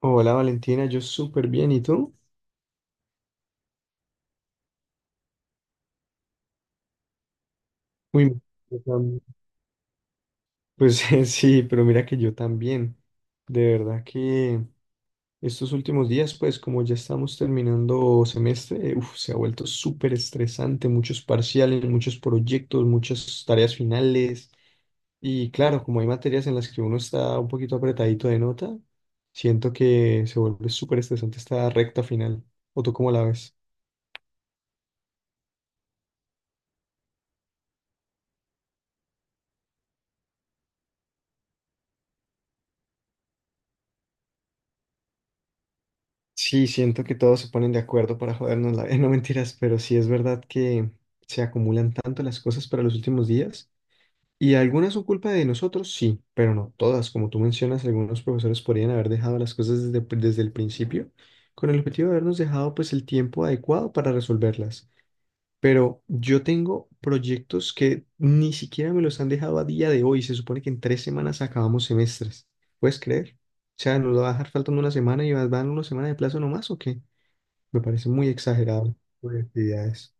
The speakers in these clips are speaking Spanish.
Hola Valentina, yo súper bien, ¿y tú? Uy, yo tam- pues sí, pero mira que yo también. De verdad que estos últimos días, pues como ya estamos terminando semestre, se ha vuelto súper estresante, muchos parciales, muchos proyectos, muchas tareas finales. Y claro, como hay materias en las que uno está un poquito apretadito de nota, siento que se vuelve súper estresante esta recta final. ¿O tú cómo la ves? Sí, siento que todos se ponen de acuerdo para jodernos la vida, no mentiras, pero sí es verdad que se acumulan tanto las cosas para los últimos días y algunas son culpa de nosotros, sí, pero no todas. Como tú mencionas, algunos profesores podrían haber dejado las cosas desde el principio con el objetivo de habernos dejado pues el tiempo adecuado para resolverlas. Pero yo tengo proyectos que ni siquiera me los han dejado a día de hoy. Se supone que en tres semanas acabamos semestres. ¿Puedes creer? O sea, nos va a dejar faltando una semana y van una semana de plazo nomás, ¿o qué? Me parece muy exagerado de actividades.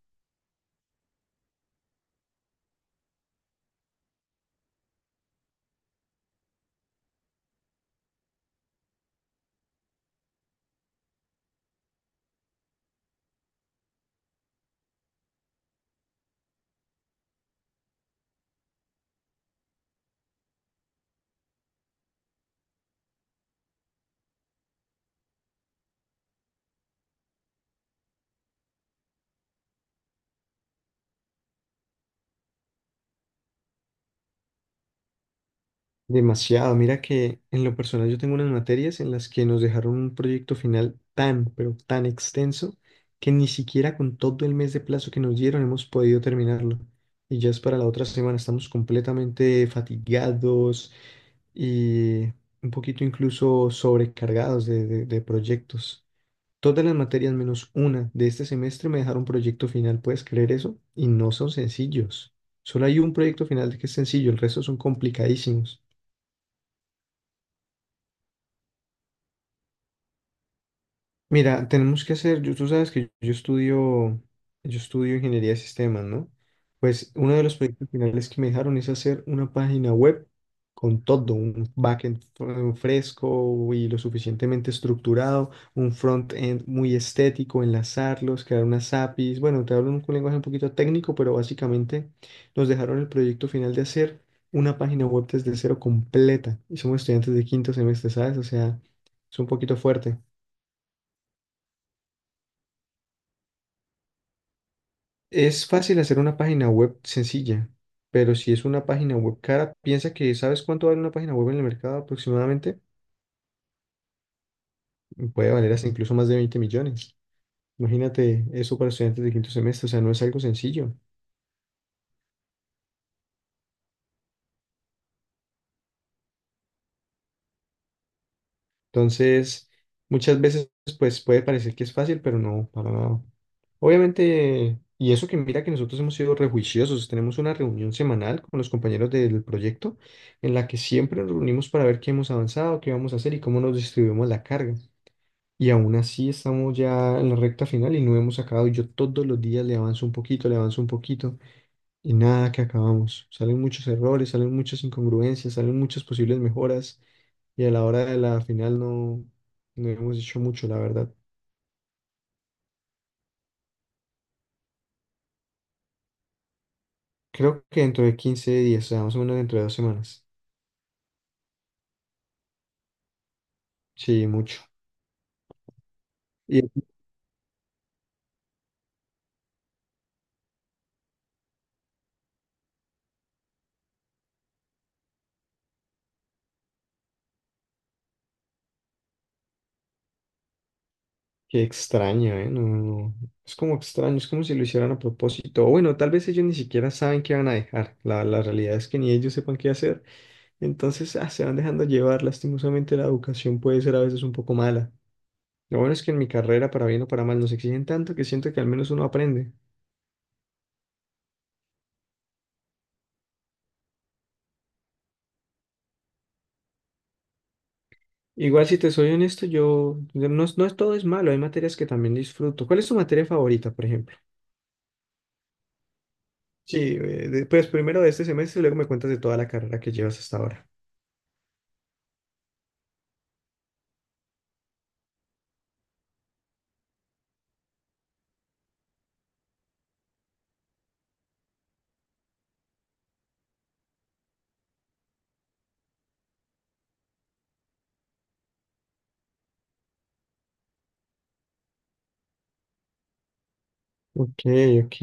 Demasiado. Mira que en lo personal yo tengo unas materias en las que nos dejaron un proyecto final tan, pero tan extenso que ni siquiera con todo el mes de plazo que nos dieron hemos podido terminarlo. Y ya es para la otra semana. Estamos completamente fatigados y un poquito incluso sobrecargados de proyectos. Todas las materias menos una de este semestre me dejaron proyecto final, ¿puedes creer eso? Y no son sencillos. Solo hay un proyecto final que es sencillo, el resto son complicadísimos. Mira, tenemos que hacer, tú sabes que yo estudio ingeniería de sistemas, ¿no? Pues uno de los proyectos finales que me dejaron es hacer una página web con todo, un backend fresco y lo suficientemente estructurado, un frontend muy estético, enlazarlos, crear unas APIs. Bueno, te hablo en un lenguaje un poquito técnico, pero básicamente nos dejaron el proyecto final de hacer una página web desde cero completa. Y somos estudiantes de quinto semestre, ¿sabes? O sea, es un poquito fuerte. Es fácil hacer una página web sencilla, pero si es una página web cara, piensa que ¿sabes cuánto vale una página web en el mercado aproximadamente? Puede valer hasta incluso más de 20 millones. Imagínate eso para estudiantes de quinto semestre, o sea, no es algo sencillo. Entonces, muchas veces pues puede parecer que es fácil, pero no, para nada. Obviamente, y eso que mira que nosotros hemos sido rejuiciosos, tenemos una reunión semanal con los compañeros del proyecto en la que siempre nos reunimos para ver qué hemos avanzado, qué vamos a hacer y cómo nos distribuimos la carga. Y aún así estamos ya en la recta final y no hemos acabado. Y yo todos los días le avanzo un poquito, le avanzo un poquito y nada que acabamos. Salen muchos errores, salen muchas incongruencias, salen muchas posibles mejoras y a la hora de la final no hemos hecho mucho, la verdad. Creo que dentro de 15 días, o sea, más o menos dentro de dos semanas. Sí, mucho. Y qué extraño, ¿eh? No, no, no. Es como extraño, es como si lo hicieran a propósito. O bueno, tal vez ellos ni siquiera saben qué van a dejar. La realidad es que ni ellos sepan qué hacer. Entonces, se van dejando llevar. Lastimosamente la educación puede ser a veces un poco mala. Lo bueno es que en mi carrera, para bien o para mal, nos exigen tanto que siento que al menos uno aprende. Igual, si te soy honesto, yo yo no, es- no es todo es malo, hay materias que también disfruto. ¿Cuál es tu materia favorita, por ejemplo? Sí, pues primero de este semestre y luego me cuentas de toda la carrera que llevas hasta ahora. Ok, ok.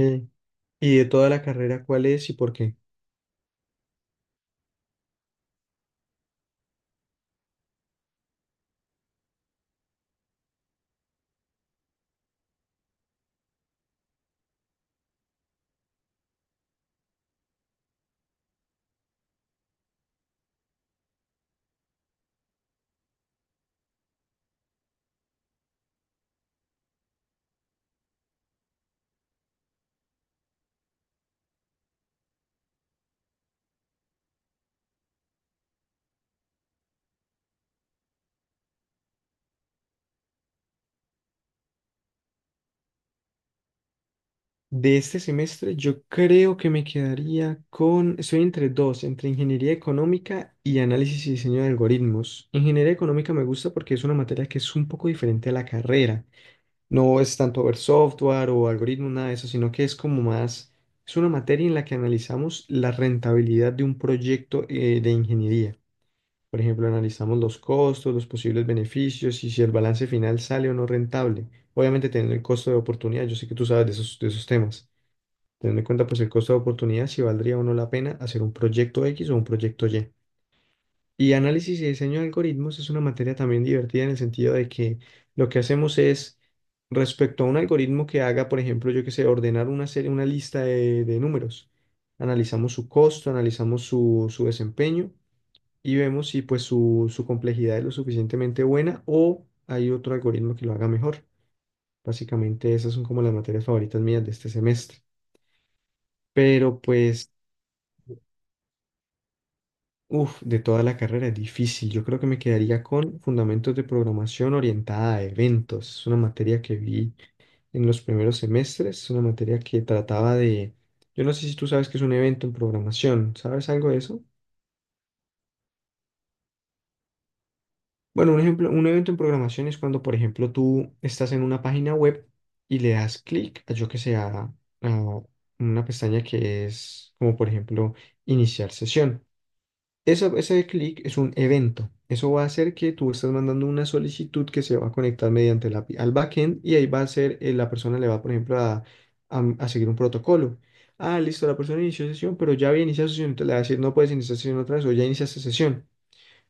¿Y de toda la carrera cuál es y por qué? De este semestre yo creo que me quedaría con, estoy entre dos, entre ingeniería económica y análisis y diseño de algoritmos. Ingeniería económica me gusta porque es una materia que es un poco diferente a la carrera. No es tanto ver software o algoritmos, nada de eso, sino que es como más, es una materia en la que analizamos la rentabilidad de un proyecto de ingeniería. Por ejemplo, analizamos los costos, los posibles beneficios y si el balance final sale o no rentable. Obviamente teniendo el costo de oportunidad, yo sé que tú sabes de esos temas. Teniendo en cuenta pues el costo de oportunidad, si valdría o no la pena hacer un proyecto X o un proyecto Y. Y análisis y diseño de algoritmos es una materia también divertida en el sentido de que lo que hacemos es, respecto a un algoritmo que haga, por ejemplo, yo que sé, ordenar una serie, una lista de números, analizamos su costo, analizamos su desempeño y vemos si pues su complejidad es lo suficientemente buena o hay otro algoritmo que lo haga mejor. Básicamente esas son como las materias favoritas mías de este semestre. Pero pues... Uf, de toda la carrera es difícil. Yo creo que me quedaría con fundamentos de programación orientada a eventos. Es una materia que vi en los primeros semestres. Es una materia que trataba de... Yo no sé si tú sabes qué es un evento en programación. ¿Sabes algo de eso? Bueno, un ejemplo, un evento en programación es cuando, por ejemplo, tú estás en una página web y le das clic a, yo que sé, a una pestaña que es como, por ejemplo, iniciar sesión. Ese clic es un evento. Eso va a hacer que tú estás mandando una solicitud que se va a conectar mediante la API al backend y ahí va a ser, la persona le va, por ejemplo, a seguir un protocolo. Ah, listo, la persona inició sesión, pero ya había iniciado sesión, entonces le va a decir, no puedes iniciar sesión otra vez o ya iniciaste sesión.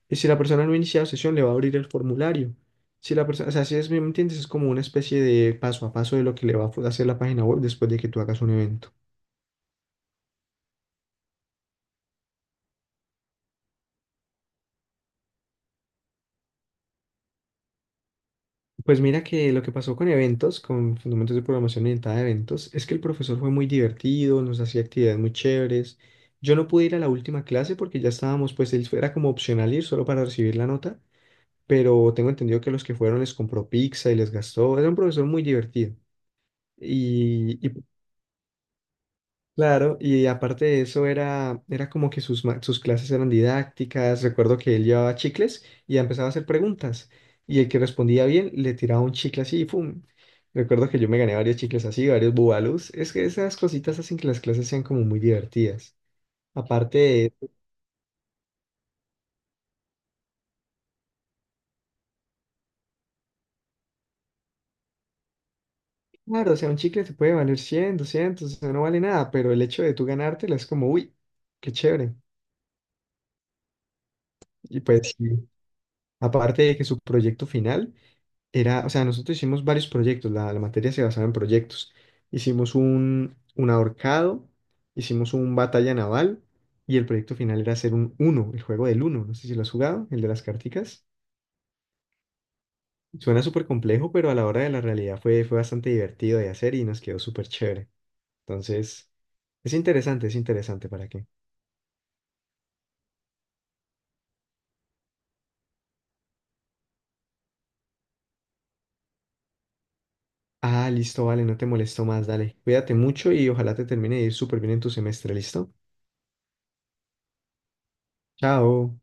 Y si la persona no ha iniciado sesión, le va a abrir el formulario. Si la persona, o sea, si es, ¿me entiendes? Es como una especie de paso a paso de lo que le va a hacer la página web después de que tú hagas un evento. Pues mira que lo que pasó con eventos, con fundamentos de programación orientada a eventos, es que el profesor fue muy divertido, nos hacía actividades muy chéveres. Yo no pude ir a la última clase porque ya estábamos, pues él era como opcional ir solo para recibir la nota, pero tengo entendido que los que fueron les compró pizza y les gastó. Era un profesor muy divertido. Y, y Claro, y aparte de eso era como que sus, sus clases eran didácticas, recuerdo que él llevaba chicles y empezaba a hacer preguntas y el que respondía bien le tiraba un chicle así y ¡pum! Recuerdo que yo me gané varios chicles así, varios bubalus, es que esas cositas hacen que las clases sean como muy divertidas. Aparte de, claro, o sea, un chicle te puede valer 100, 200, o sea, no vale nada, pero el hecho de tú ganártela es como, uy, qué chévere. Y pues, sí, aparte de que su proyecto final... era, o sea, nosotros hicimos varios proyectos, la materia se basaba en proyectos. Hicimos un ahorcado, hicimos un batalla naval y el proyecto final era hacer un uno, el juego del uno, no sé si lo has jugado, el de las carticas. Suena súper complejo, pero a la hora de la realidad fue bastante divertido de hacer y nos quedó súper chévere. Entonces, es interesante, ¿para qué? Ah, listo, vale, no te molesto más, dale. Cuídate mucho y ojalá te termine de ir súper bien en tu semestre, ¿listo? Chao.